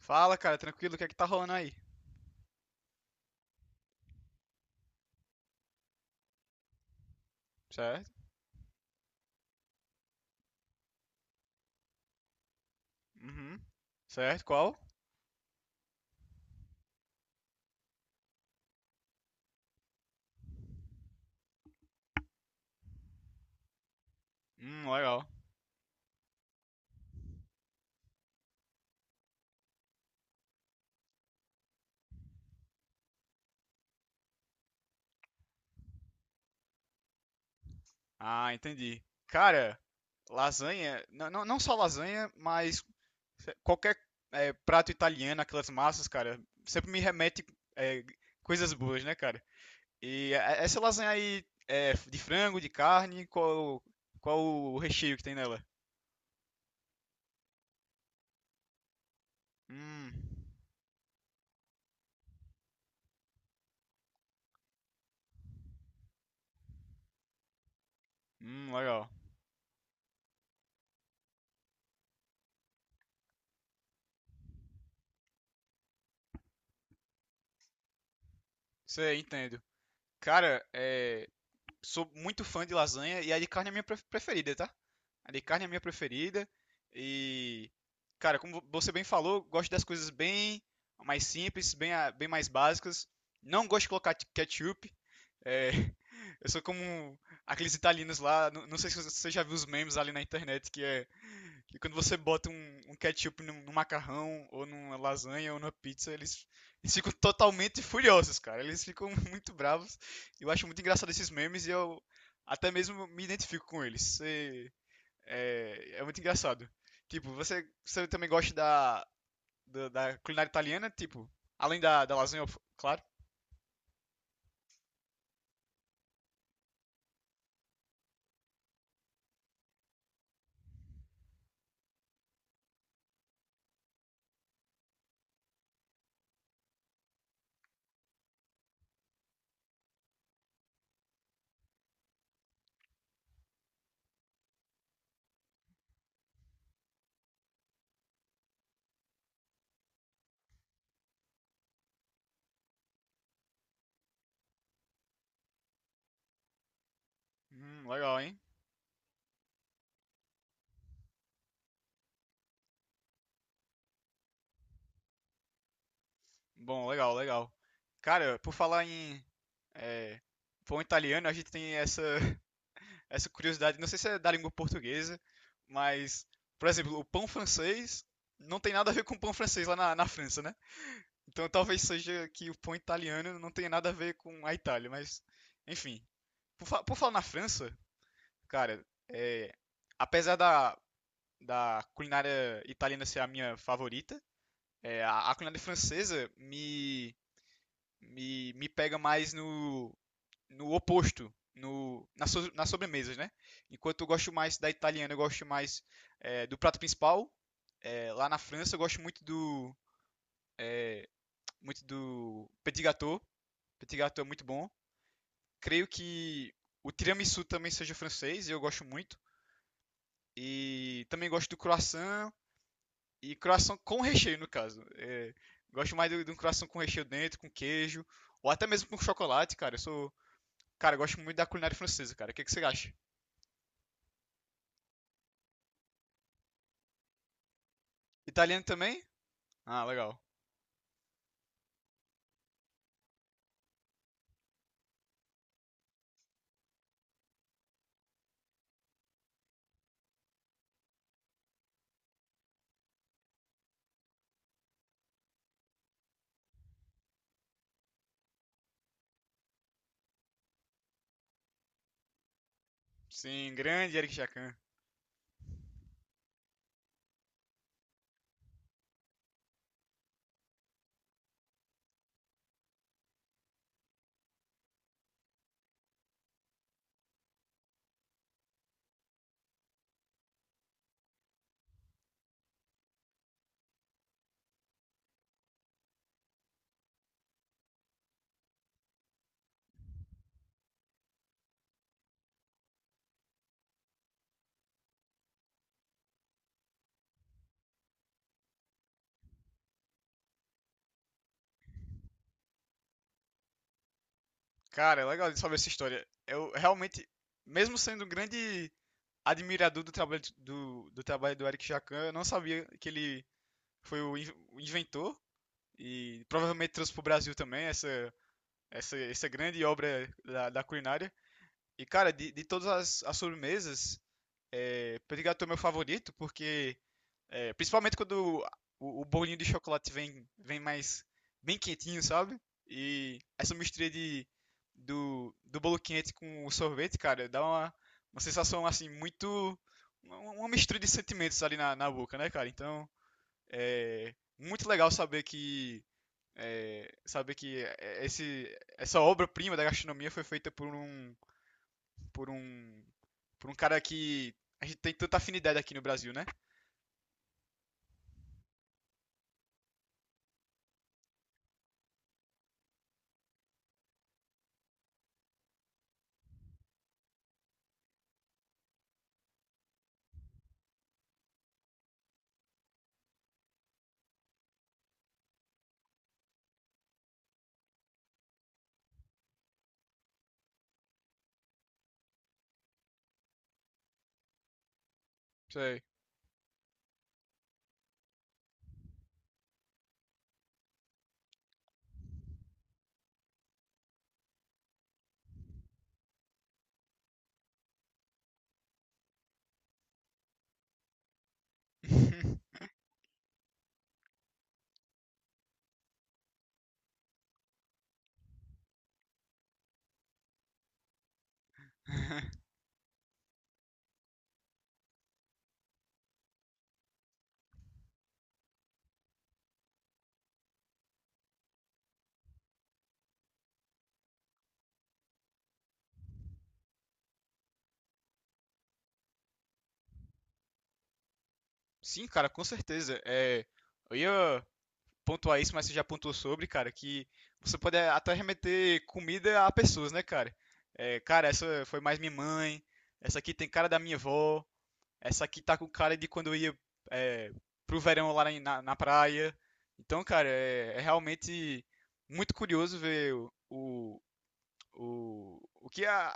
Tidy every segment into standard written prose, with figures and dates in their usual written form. Fala, cara, tranquilo, o que é que tá rolando aí? Certo? Uhum. Certo, qual? Legal. Ah, entendi. Cara, lasanha, não, não, não só lasanha, mas qualquer prato italiano, aquelas massas, cara, sempre me remete, é, coisas boas, né, cara? E essa lasanha aí é de frango, de carne, qual o recheio que tem nela? Hum, Legal. Sei, entendo. Cara, sou muito fã de lasanha, e a de carne é a minha preferida, tá? A de carne é a minha preferida. E, cara, como você bem falou, eu gosto das coisas bem mais simples, bem mais básicas. Não gosto de colocar ketchup. É, eu sou como aqueles italianos lá. Não, não sei se você já viu os memes ali na internet, que é. E quando você bota um ketchup num macarrão, ou numa lasanha, ou numa pizza, eles ficam totalmente furiosos, cara. Eles ficam muito bravos. Eu acho muito engraçado esses memes e eu até mesmo me identifico com eles. É muito engraçado. Tipo, você também gosta da culinária italiana? Tipo, além da lasanha, claro. Legal, hein? Bom, legal, legal. Cara, por falar em, é, pão italiano, a gente tem essa curiosidade, não sei se é da língua portuguesa, mas, por exemplo, o pão francês não tem nada a ver com o pão francês lá na França, né? Então talvez seja que o pão italiano não tenha nada a ver com a Itália, mas enfim. Por falar na França, cara, apesar da culinária italiana ser a minha favorita, a culinária francesa me pega mais no oposto, no, na so, nas sobremesas, né? Enquanto eu gosto mais da italiana, eu gosto mais, do prato principal. É, lá na França, eu gosto muito é, do petit gâteau. Petit gâteau é muito bom. Creio que o tiramisu também seja francês, eu gosto muito. E também gosto do croissant, e croissant com recheio, no caso. É, gosto mais de um croissant com recheio dentro, com queijo, ou até mesmo com chocolate, cara. Eu sou Cara, eu gosto muito da culinária francesa, cara. O que que você acha? Italiano também? Ah, legal. Sim, grande Eric Jacan. Cara, é legal de saber essa história. Eu realmente, mesmo sendo um grande admirador do trabalho do Eric Jacan, eu não sabia que ele foi o inventor e provavelmente trouxe para o Brasil também essa grande obra da culinária. E, cara, de todas as sobremesas, pão de gato é o meu favorito, porque, principalmente quando o bolinho de chocolate vem mais bem quentinho, sabe? E essa mistura do bolo quente com o sorvete, cara, dá uma sensação assim muito. Uma mistura de sentimentos ali na boca, né, cara? Então, é muito legal saber que esse, essa obra-prima da gastronomia foi feita por um por um cara que a gente tem tanta afinidade aqui no Brasil, né? Sei. Sim, cara, com certeza. Eu ia pontuar isso, mas você já pontuou sobre, cara, que você pode até remeter comida a pessoas, né, cara? É, cara, essa foi mais minha mãe, essa aqui tem cara da minha avó, essa aqui tá com cara de quando eu ia, é, pro verão lá na praia. Então, cara, realmente muito curioso ver o que a,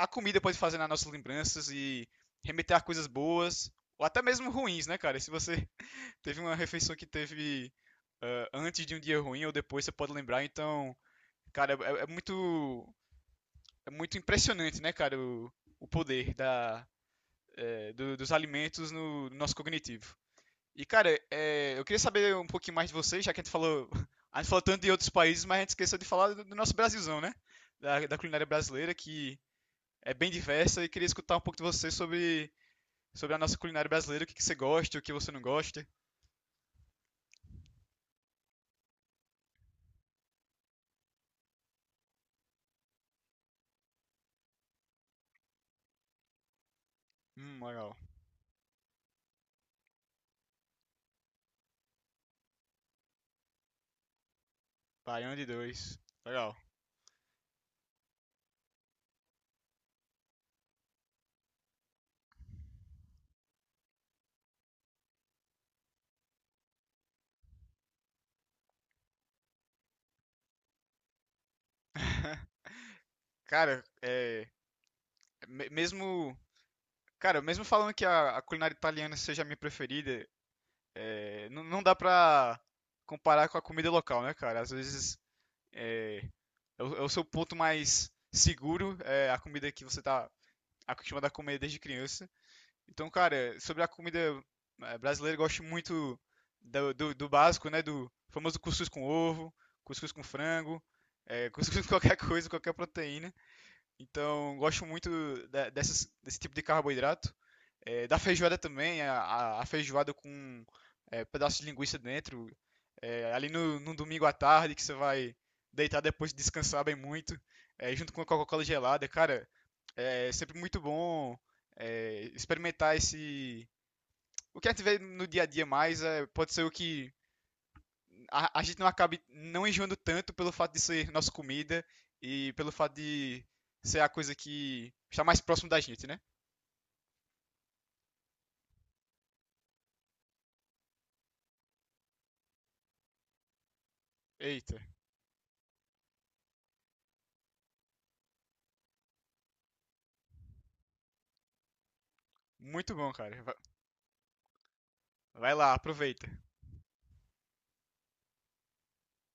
a comida pode fazer nas nossas lembranças e remeter a coisas boas ou até mesmo ruins, né, cara? Se você teve uma refeição que teve, antes de um dia ruim ou depois, você pode lembrar. Então, cara, é muito impressionante, né, cara, o poder dos alimentos no nosso cognitivo. E, cara, eu queria saber um pouquinho mais de vocês, já que a gente falou, a gente falou tanto de outros países, mas a gente esqueceu de falar do nosso Brasilzão, né? Da culinária brasileira, que é bem diversa, e queria escutar um pouco de você sobre, sobre a nossa culinária brasileira, o que, que você gosta, o que você não gosta. Legal. Baião de dois. Legal. Cara, mesmo, cara, mesmo falando que a culinária italiana seja a minha preferida, não, não dá pra comparar com a comida local, né, cara? Às vezes é, é o seu ponto mais seguro, é a comida que você tá acostumado a comer desde criança. Então, cara, sobre a comida, brasileira, eu gosto muito do básico, né? Do famoso cuscuz com ovo, cuscuz com frango, cuscuz com qualquer coisa, qualquer proteína. Então, gosto muito desse tipo de carboidrato. Da feijoada também, a feijoada com, pedaço de linguiça dentro. Ali no domingo à tarde, que você vai deitar depois de descansar bem muito, junto com a Coca-Cola gelada. Cara, é sempre muito bom, experimentar esse. O que a gente vê no dia a dia mais, pode ser o que a gente não acabe não enjoando tanto pelo fato de ser nossa comida e pelo fato de ser a coisa que está mais próximo da gente, né? Eita, muito bom, cara. Vai lá, aproveita.